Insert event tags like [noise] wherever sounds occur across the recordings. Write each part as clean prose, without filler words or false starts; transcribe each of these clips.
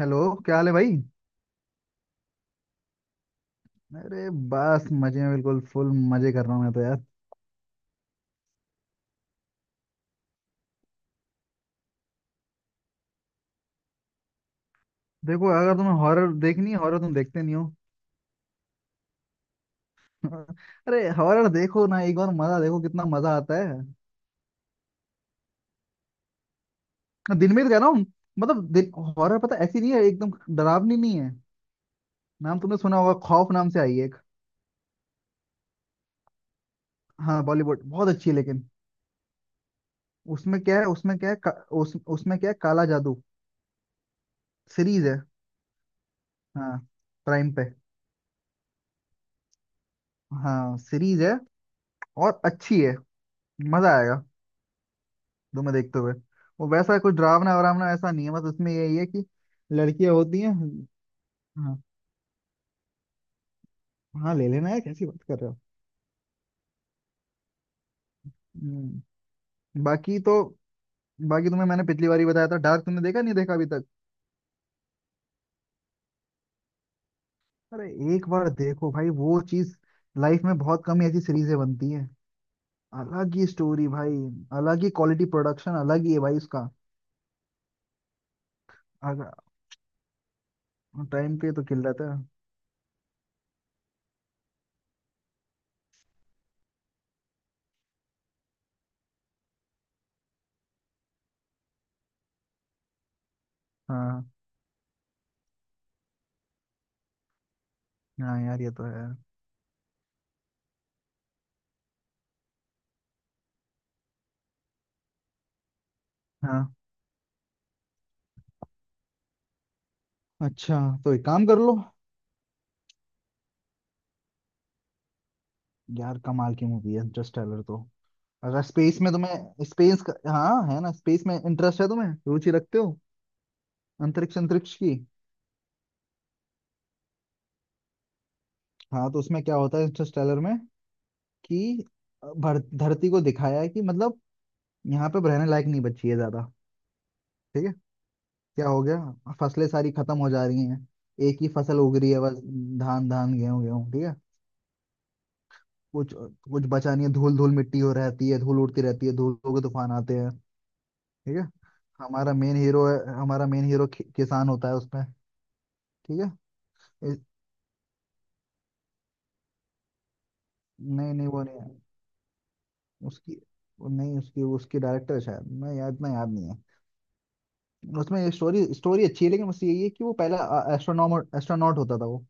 Hello. क्या हाल है भाई? अरे बस मजे में बिल्कुल फुल मजे कर रहा हूँ मैं तो यार। देखो, अगर तुम्हें हॉरर देखनी है, हॉरर तुम देखते नहीं हो? [laughs] अरे हॉरर देखो ना एक बार, मजा देखो कितना मजा आता है। दिन में तो कह रहा हूँ, मतलब दिन। हॉरर पता ऐसी नहीं है, एकदम डरावनी नहीं है। नाम तुमने सुना होगा, खौफ नाम से आई है एक। हाँ बॉलीवुड बहुत अच्छी है लेकिन। उसमें क्या है, काला जादू। सीरीज है। हाँ, प्राइम पे। हाँ सीरीज है। और अच्छी है, मजा आएगा दो में देखते हुए। वो वैसा कोई डरावना वरावना ऐसा नहीं है, बस उसमें यही है कि लड़कियां होती हैं। हाँ। हाँ ले लेना यार, कैसी बात कर रहे हो। हम्म। बाकी तो बाकी तुम्हें मैंने पिछली बार ही बताया था, डार्क तुमने देखा नहीं, देखा अभी तक? अरे एक बार देखो भाई, वो चीज लाइफ में बहुत कम ही ऐसी सीरीजें बनती हैं। अलग ही स्टोरी भाई, अलग ही क्वालिटी, प्रोडक्शन अलग ही है भाई उसका। अगर टाइम पे तो किल्लत है। हाँ। हाँ यार ये तो है। हाँ, अच्छा, तो एक काम कर लो। यार कमाल की मूवी है इंटरस्टेलर तो। अगर स्पेस में तुम्हें, स्पेस का हाँ है ना, स्पेस में इंटरेस्ट है तुम्हें, रुचि रखते हो। अंतरिक्ष, अंतरिक्ष की। हाँ, तो उसमें क्या होता है इंटरस्टेलर में कि धरती को दिखाया है कि मतलब यहाँ पे रहने लायक नहीं बची है ज्यादा। ठीक है। क्या हो गया, फसलें सारी खत्म हो जा रही हैं, एक ही फसल उग रही है बस। धान धान, गेहूं गेहूं, ठीक है। कुछ कुछ बचा नहीं है, धूल धूल मिट्टी हो रहती है, धूल उड़ती रहती है, धूलों के तूफान आते हैं। ठीक है। हमारा मेन हीरो है, हमारा मेन हीरो किसान होता है उसमें। ठीक है। इस- नहीं नहीं वो नहीं है। उसकी, वो नहीं, उसकी उसकी डायरेक्टर है शायद, मैं याद इतना याद नहीं है। उसमें ये स्टोरी स्टोरी अच्छी है लेकिन, बस यही है कि वो पहला एस्ट्रोनॉमर एस्ट्रोनॉट होता था वो।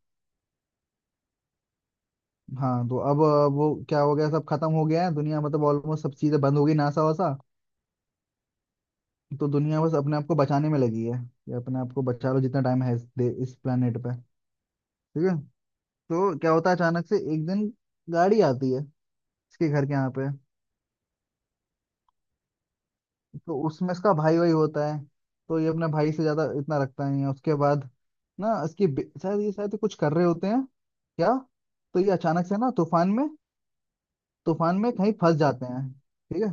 हाँ, तो अब वो क्या हो गया, सब खत्म हो गया है दुनिया, मतलब ऑलमोस्ट सब चीजें बंद हो गई, नासा वासा। तो दुनिया बस अपने आप को बचाने में लगी है कि अपने आप को बचा लो जितना टाइम है इस planet पे। ठीक है। तो क्या होता है, अचानक से एक दिन गाड़ी आती है इसके घर के यहाँ पे। तो उसमें इसका भाई वही होता है। तो ये अपने भाई से ज्यादा इतना रखता नहीं है उसके बाद। शायद ये शायद कुछ कर रहे होते हैं क्या। तो ये अचानक से ना तूफान में, तूफान में कहीं फंस जाते हैं। ठीक है।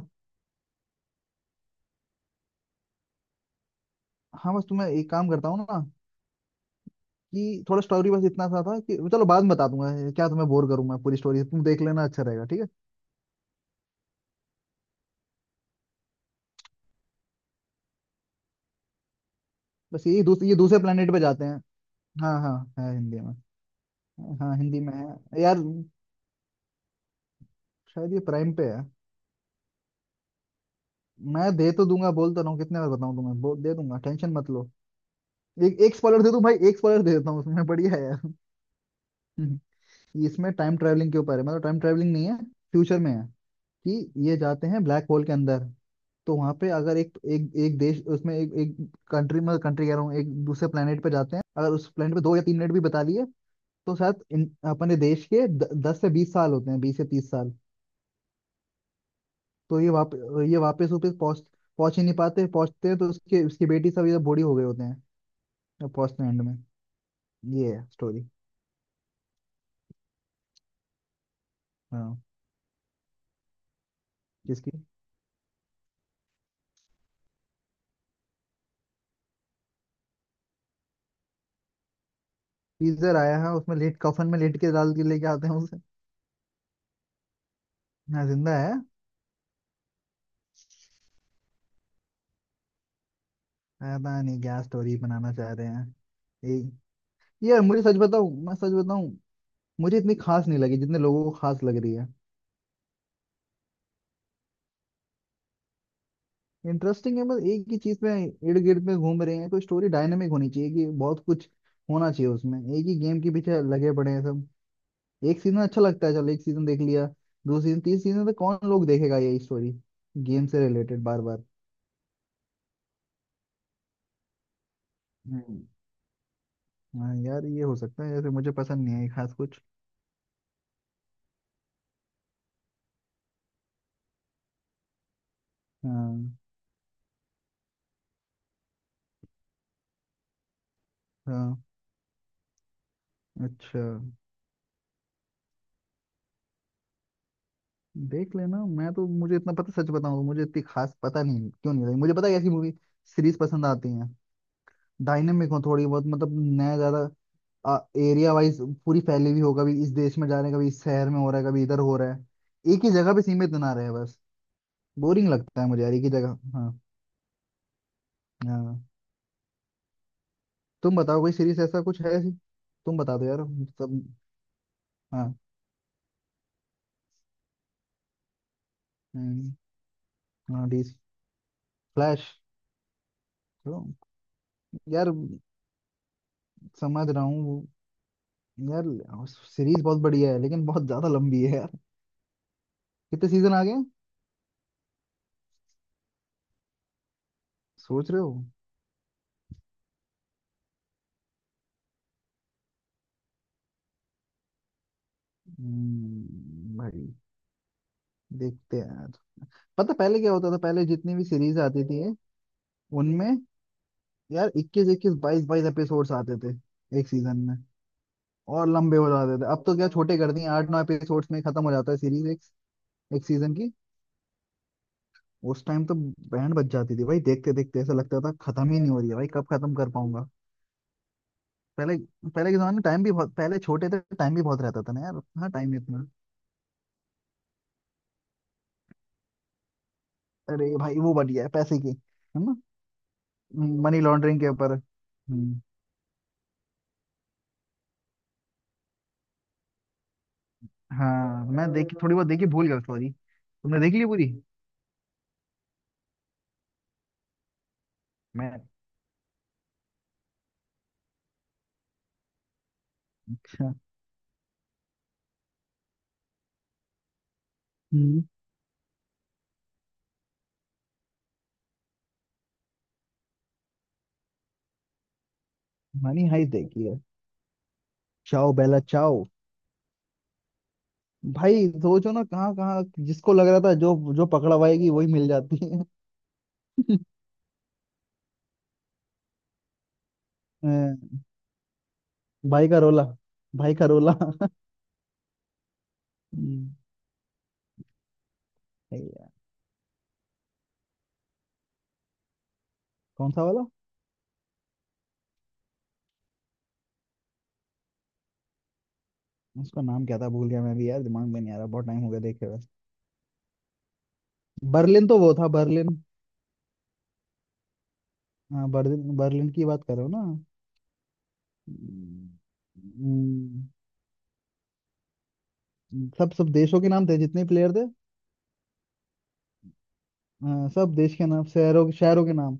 हाँ बस तुम्हें एक काम करता हूँ ना कि थोड़ा स्टोरी बस इतना सा था कि चलो, बाद में बता दूंगा, ये क्या तुम्हें बोर करूँ मैं, पूरी स्टोरी तुम देख लेना, अच्छा रहेगा, ठीक है। ये दूसरे प्लेनेट पे जाते हैं। हाँ हाँ, है हिंदी में। हाँ हिंदी में है यार। शायद ये प्राइम पे है। मैं दे तो दूंगा, बोल तो रहा हूँ, कितने बार बताऊं तुम्हें, दे दूंगा, टेंशन मत लो। एक एक स्पॉइलर दे दूं भाई, एक स्पॉइलर दे देता हूँ, उसमें बढ़िया है यार। [laughs] ये इसमें टाइम ट्रैवलिंग के ऊपर है, मतलब टाइम ट्रैवलिंग नहीं है, फ्यूचर में है कि ये जाते हैं ब्लैक होल के अंदर। तो वहां पे, अगर एक एक, एक देश उसमें एक एक कंट्री कह रहा हूँ, एक दूसरे प्लेनेट पे जाते हैं। अगर उस प्लेनेट पे 2 या 3 मिनट भी बता लिए तो शायद अपने देश के 10 से 20 साल होते हैं, 20 से 30 साल। तो ये ये वापस वापस पहुंच पहुंच ही नहीं पाते, पहुंचते हैं तो उसके, उसकी बेटी सब ये बूढ़ी हो गए होते हैं। फर्स्ट एंड में। ये है स्टोरी। हाँ। किसकी? टीजर आया है उसमें, लेट कफन में लेट के डाल के लेके आते हैं उसे। हाँ जिंदा है। पता नहीं क्या स्टोरी बनाना चाह रहे हैं। ये यार, मुझे सच बताऊं, मैं सच बताऊं, मुझे इतनी खास नहीं लगी जितने लोगों को खास लग रही है। इंटरेस्टिंग है, बस एक ही चीज में इर्द गिर्द में घूम रहे हैं। कोई स्टोरी डायनेमिक होनी चाहिए कि बहुत कुछ होना चाहिए उसमें, एक ही गेम के पीछे लगे पड़े हैं सब। एक सीजन अच्छा लगता है, चलो एक सीजन देख लिया, दूसरी सीजन तीसरी सीजन तक कौन लोग देखेगा यही स्टोरी, गेम से रिलेटेड बार बार। हम्म। हाँ यार ये हो सकता है, जैसे मुझे पसंद नहीं है खास कुछ। हाँ। हाँ, अच्छा। देख लेना, मैं तो, मुझे इतना पता, सच बताऊं मुझे इतनी खास पता नहीं क्यों नहीं लगी, मुझे पता है कैसी मूवी सीरीज पसंद आती हैं, डायनेमिक हो थोड़ी बहुत मतलब, नया ज्यादा, एरिया वाइज पूरी फैली हुई हो, कभी इस देश में जा रहे हैं, कभी इस शहर में हो रहा है, कभी इधर हो रहा है, एक ही जगह पे सीमित ना रहे, बस बोरिंग लगता है मुझे यार एक ही जगह। हाँ। हाँ तुम बताओ, कोई सीरीज ऐसा कुछ है ऐसी। तुम बता दो यार, सब। हाँ। हम्म, हाँ DC फ्लैश तो। यार समझ रहा हूँ वो, यार सीरीज बहुत बढ़िया है लेकिन बहुत ज्यादा लंबी है यार। कितने सीजन आ गए, सोच रहे हो। भाई देखते हैं यार। पता पहले क्या होता था, पहले जितनी भी सीरीज आती थी उनमें यार 21 21 22 22 एपिसोड्स आते थे एक सीजन में, और लंबे हो जाते थे। अब तो क्या छोटे कर दिए, 8 9 एपिसोड्स में खत्म हो जाता है सीरीज, एक एक सीजन की। उस टाइम तो बैंड बज जाती थी भाई, देखते देखते ऐसा लगता था खत्म ही नहीं हो रही है भाई, कब खत्म कर पाऊंगा। पहले, पहले के जमाने में टाइम भी बहुत, पहले छोटे थे, टाइम भी बहुत रहता था ना यार। हाँ टाइम नहीं इतना। अरे भाई वो बढ़िया है, पैसे की है ना, मनी लॉन्ड्रिंग के ऊपर। हाँ। मैं देखी थोड़ी बहुत देखी, भूल गया सॉरी, तुमने देख ली पूरी? मैं, अच्छा। हम्म। मनी हाइस्ट देखी है। चाओ बेला चाओ। भाई सोचो ना, कहाँ कहाँ जिसको लग रहा था, जो जो पकड़ा पाएगी, वही मिल जाती है। [laughs] अ, भाई का रोला, भाई का रोला। [laughs] हम्म, सही है। कौन सा वाला? उसका नाम क्या था, भूल गया मैं भी यार, दिमाग में नहीं आ रहा, बहुत टाइम हो गया देखे हुए। बर्लिन, तो वो था बर्लिन। हाँ बर्लिन, बर्लिन की बात कर रहे हो ना। हम्म, हम्म। सब, सब देशों के नाम थे जितने प्लेयर थे। हाँ, सब देश के नाम, शहरों के, शहरों के नाम।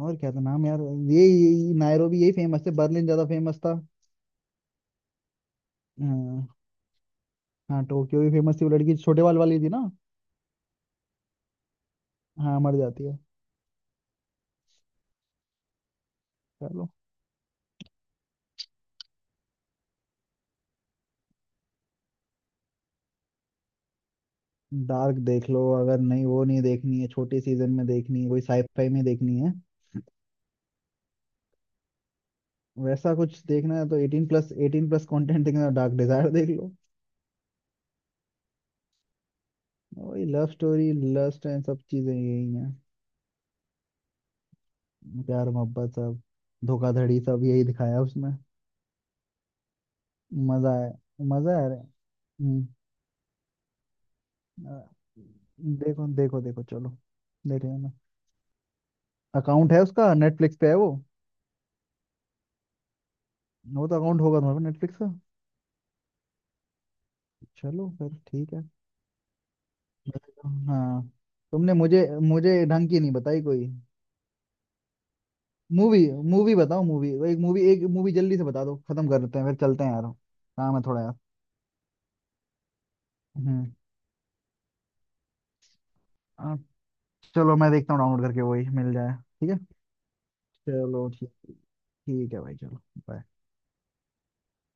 और क्या था नाम यार। ये नायरोबी, यही फेमस थे, बर्लिन ज्यादा फेमस था। हाँ। हाँ, टोक्यो भी फेमस थी, वो लड़की छोटे बाल वाली थी ना। हाँ मर जाती है। चलो। डार्क देख लो, अगर नहीं वो नहीं देखनी है, छोटे सीजन में देखनी है कोई, साइफाई में देखनी है, वैसा कुछ देखना है, तो 18+ 18+ कंटेंट देखना, डार्क डिजायर देख लो। वही लव स्टोरी लस्ट एंड सब चीजें यही हैं, प्यार मोहब्बत सब, धोखाधड़ी सब यही दिखाया उसमें। मजा है, मजा आ रहा है अरे। हम्म, अ, देखो देखो देखो, चलो देखेंगे ना। अकाउंट है उसका, नेटफ्लिक्स पे है वो तो अकाउंट होगा तुम्हारे नेटफ्लिक्स का। चलो फिर ठीक है। मैं- हाँ। तुमने मुझे मुझे ढंग की नहीं बताई कोई। मूवी, मूवी बताओ, मूवी, एक मूवी, एक मूवी जल्दी से बता दो, खत्म कर लेते हैं फिर चलते हैं यार, काम है थोड़ा यार। हम्म। चलो मैं देखता हूँ डाउनलोड करके वही मिल जाए। ठीक है। चलो ठीक, ठीक है भाई, चलो bye।